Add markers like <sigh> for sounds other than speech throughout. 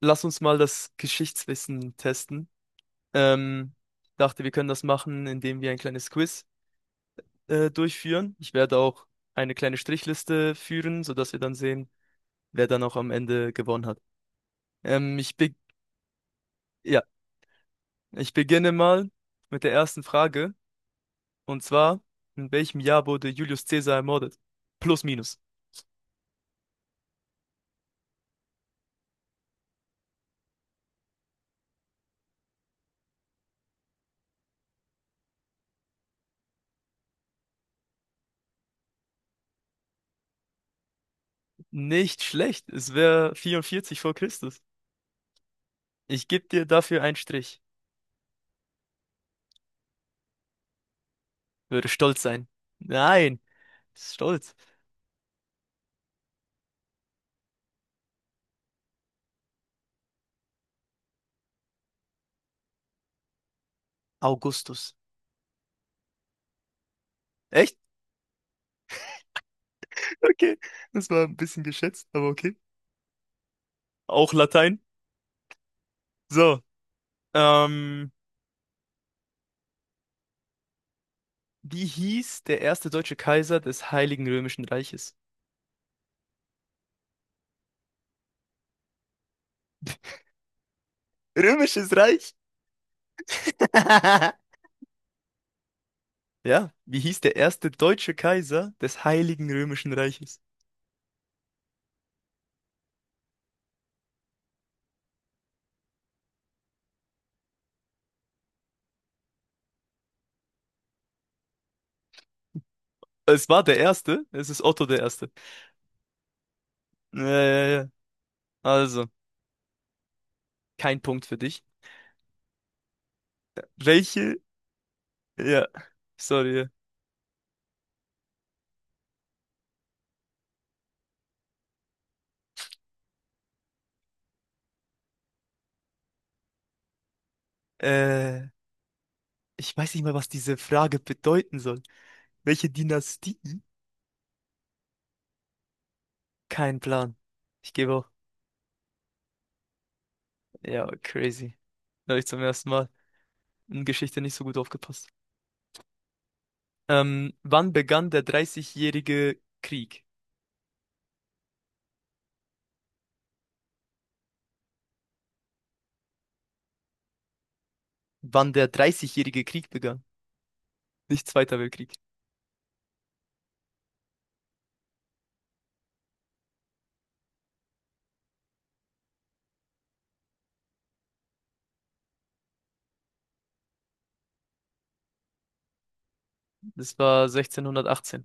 Lass uns mal das Geschichtswissen testen. Ähm, Dachte, wir können das machen, indem wir ein kleines Quiz durchführen. Ich werde auch eine kleine Strichliste führen, sodass wir dann sehen, wer dann auch am Ende gewonnen hat. Ich be ja, ich beginne mal mit der ersten Frage. Und zwar, in welchem Jahr wurde Julius Caesar ermordet? Plus, minus. Nicht schlecht. Es wäre 44 vor Christus. Ich gebe dir dafür einen Strich. Würde stolz sein. Nein, stolz. Augustus. Echt? <laughs> Okay. Das war ein bisschen geschätzt, aber okay. Auch Latein. So. Ähm, wie hieß der erste deutsche Kaiser des Heiligen Römischen Reiches? Römisches Reich? <laughs> Ja, wie hieß der erste deutsche Kaiser des Heiligen Römischen Reiches? Es war der erste, es ist Otto der Erste. Ja, ja, ja. Also, kein Punkt für dich. Welche? Ja, sorry. Ja. Ich weiß nicht mal, was diese Frage bedeuten soll. Welche Dynastie kein Plan. Ich gebe auch. Ja, crazy. Da ich zum ersten Mal in Geschichte nicht so gut aufgepasst. Wann begann der dreißigjährige Krieg? Wann der dreißigjährige Krieg begann? Nicht Zweiter Weltkrieg. Das war 1618.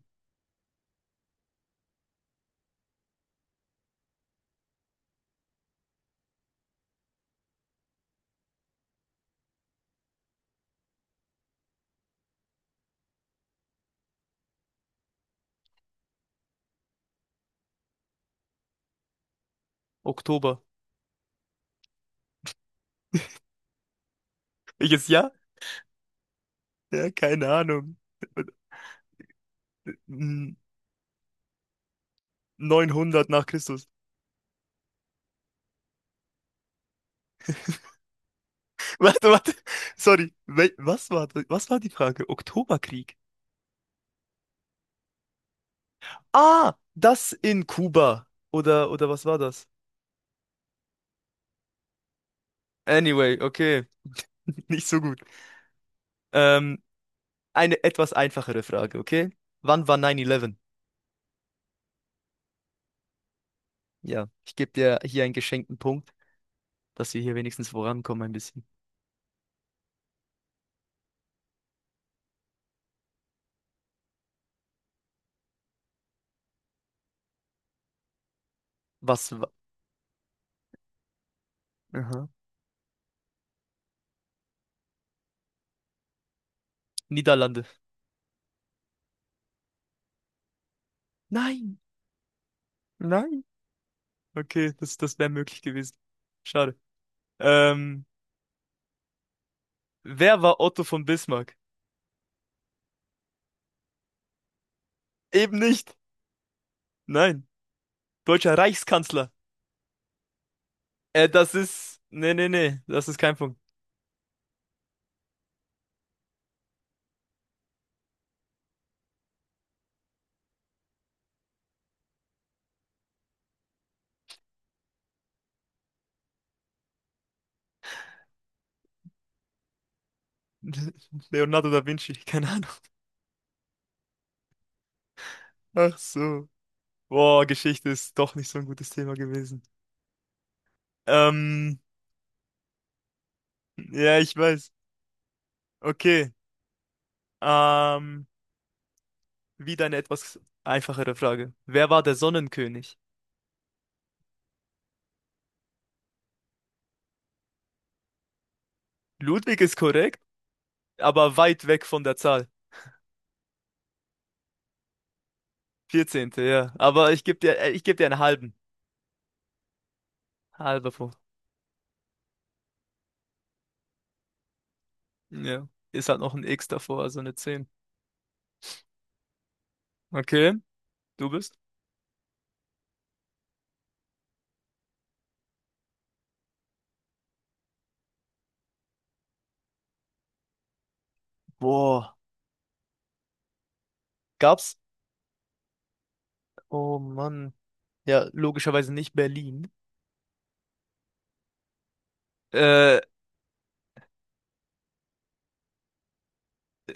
Oktober. Welches Jahr? Ja, keine Ahnung. N- 900 nach Christus. <laughs> Warte, warte. Sorry. Wel was war die Frage? Oktoberkrieg. Ah, das in Kuba. Oder was war das? Anyway, okay. <laughs> Nicht so gut. Ähm, eine etwas einfachere Frage, okay? Wann war 9-11? Ja, ich gebe dir hier einen geschenkten Punkt, dass wir hier wenigstens vorankommen ein bisschen. Was war? Aha. Niederlande. Nein, nein. Okay, das wäre möglich gewesen. Schade. Ähm, wer war Otto von Bismarck? Eben nicht. Nein. Deutscher Reichskanzler. Das ist. Nee, nee, nee. Das ist kein Punkt. <laughs> Leonardo da Vinci. <laughs> Keine Ahnung. Ach so. Boah, Geschichte ist doch nicht so ein gutes Thema gewesen. Ähm, ja, ich weiß. Okay. Ähm, wieder eine etwas einfachere Frage. Wer war der Sonnenkönig? Ludwig ist korrekt, aber weit weg von der Zahl. 14., ja. Aber ich gebe dir einen halben. Halber Punkt. Ja. Ist halt noch ein X davor, also eine 10. Okay, du bist. Boah. Gab's? Oh Mann. Ja, logischerweise nicht Berlin. Äh,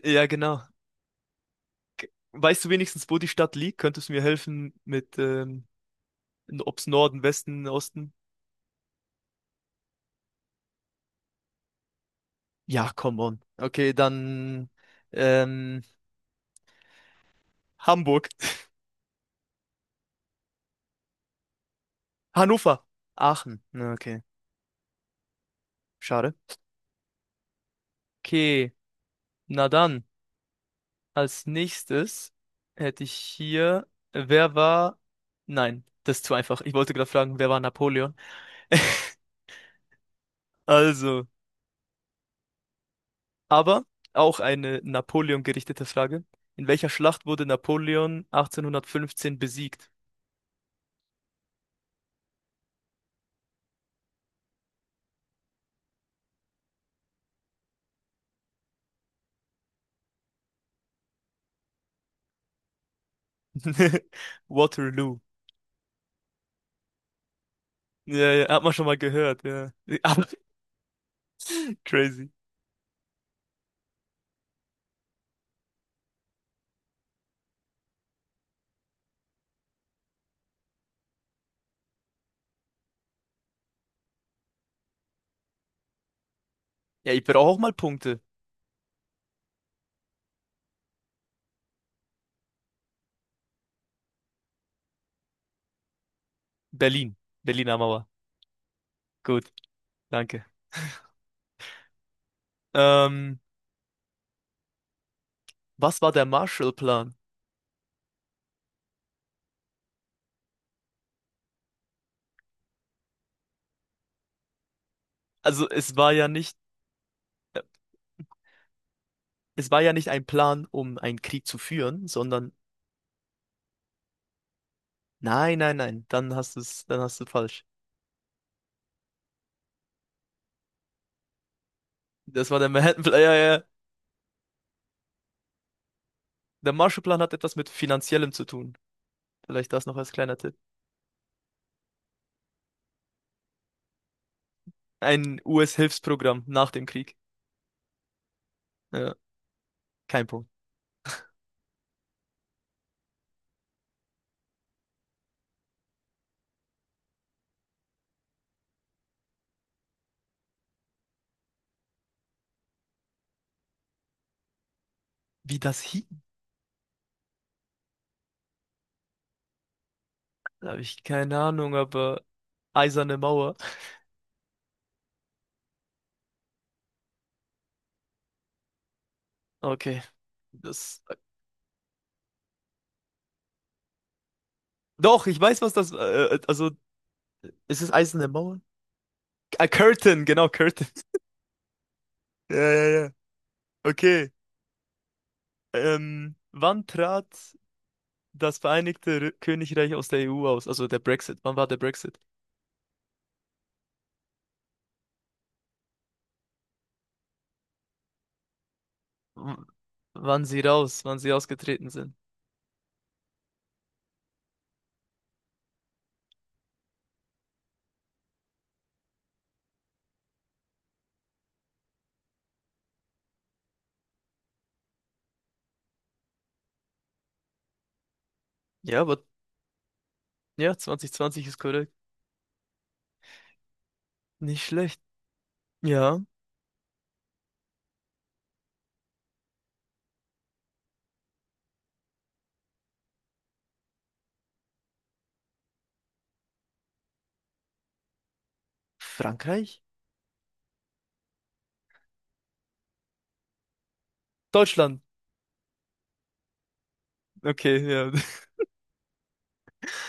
ja, genau. Weißt du wenigstens, wo die Stadt liegt? Könntest du mir helfen mit, ob's Norden, Westen, Osten? Ja, come on. Okay, dann ähm, Hamburg. <laughs> Hannover. Aachen. Na, okay, schade. Okay, na dann, als nächstes hätte ich hier, wer war... Nein, das ist zu einfach. Ich wollte gerade fragen, wer war Napoleon? <laughs> Also, aber auch eine Napoleon gerichtete Frage. In welcher Schlacht wurde Napoleon 1815 besiegt? <laughs> Waterloo. Ja, ja, hat man schon mal gehört, ja. Aber <laughs> crazy. Ja, ich brauche auch mal Punkte. Berlin. Berliner Mauer. Gut, danke. Ähm, was war der Marshallplan? Also es war ja nicht, es war ja nicht ein Plan, um einen Krieg zu führen, sondern nein, nein, nein, dann hast du es, dann hast du falsch. Das war der Manhattan-Plan, ja, ja, ja. Der Marshallplan hat etwas mit Finanziellem zu tun. Vielleicht das noch als kleiner Tipp. Ein US-Hilfsprogramm nach dem Krieg. Ja, kein Punkt. Wie das hieß? Da habe ich keine Ahnung, aber Eiserne Mauer. Okay. Das. Doch, ich weiß, was das. Also, ist es Eiserne Mauer? Ah, Curtain, genau, Curtain. <laughs> Ja, ja, ja. Okay. Wann trat das Vereinigte R Königreich aus der EU aus? Also der Brexit. Wann war der Brexit? W wann sie raus, wann sie ausgetreten sind. Ja, aber ja, 2020 ist korrekt. Nicht schlecht. Ja. Frankreich? Deutschland. Okay, ja.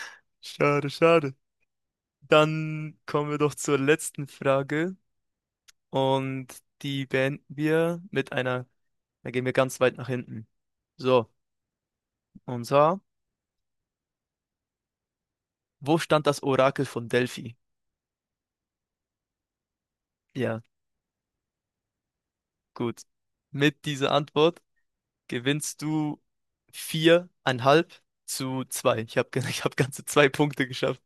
<laughs> Schade, schade. Dann kommen wir doch zur letzten Frage und die beenden wir mit einer, da gehen wir ganz weit nach hinten. So, und zwar, wo stand das Orakel von Delphi? Ja, gut. Mit dieser Antwort gewinnst du 4,5 zu zwei. Ich habe <laughs> ich hab ganze zwei Punkte geschafft.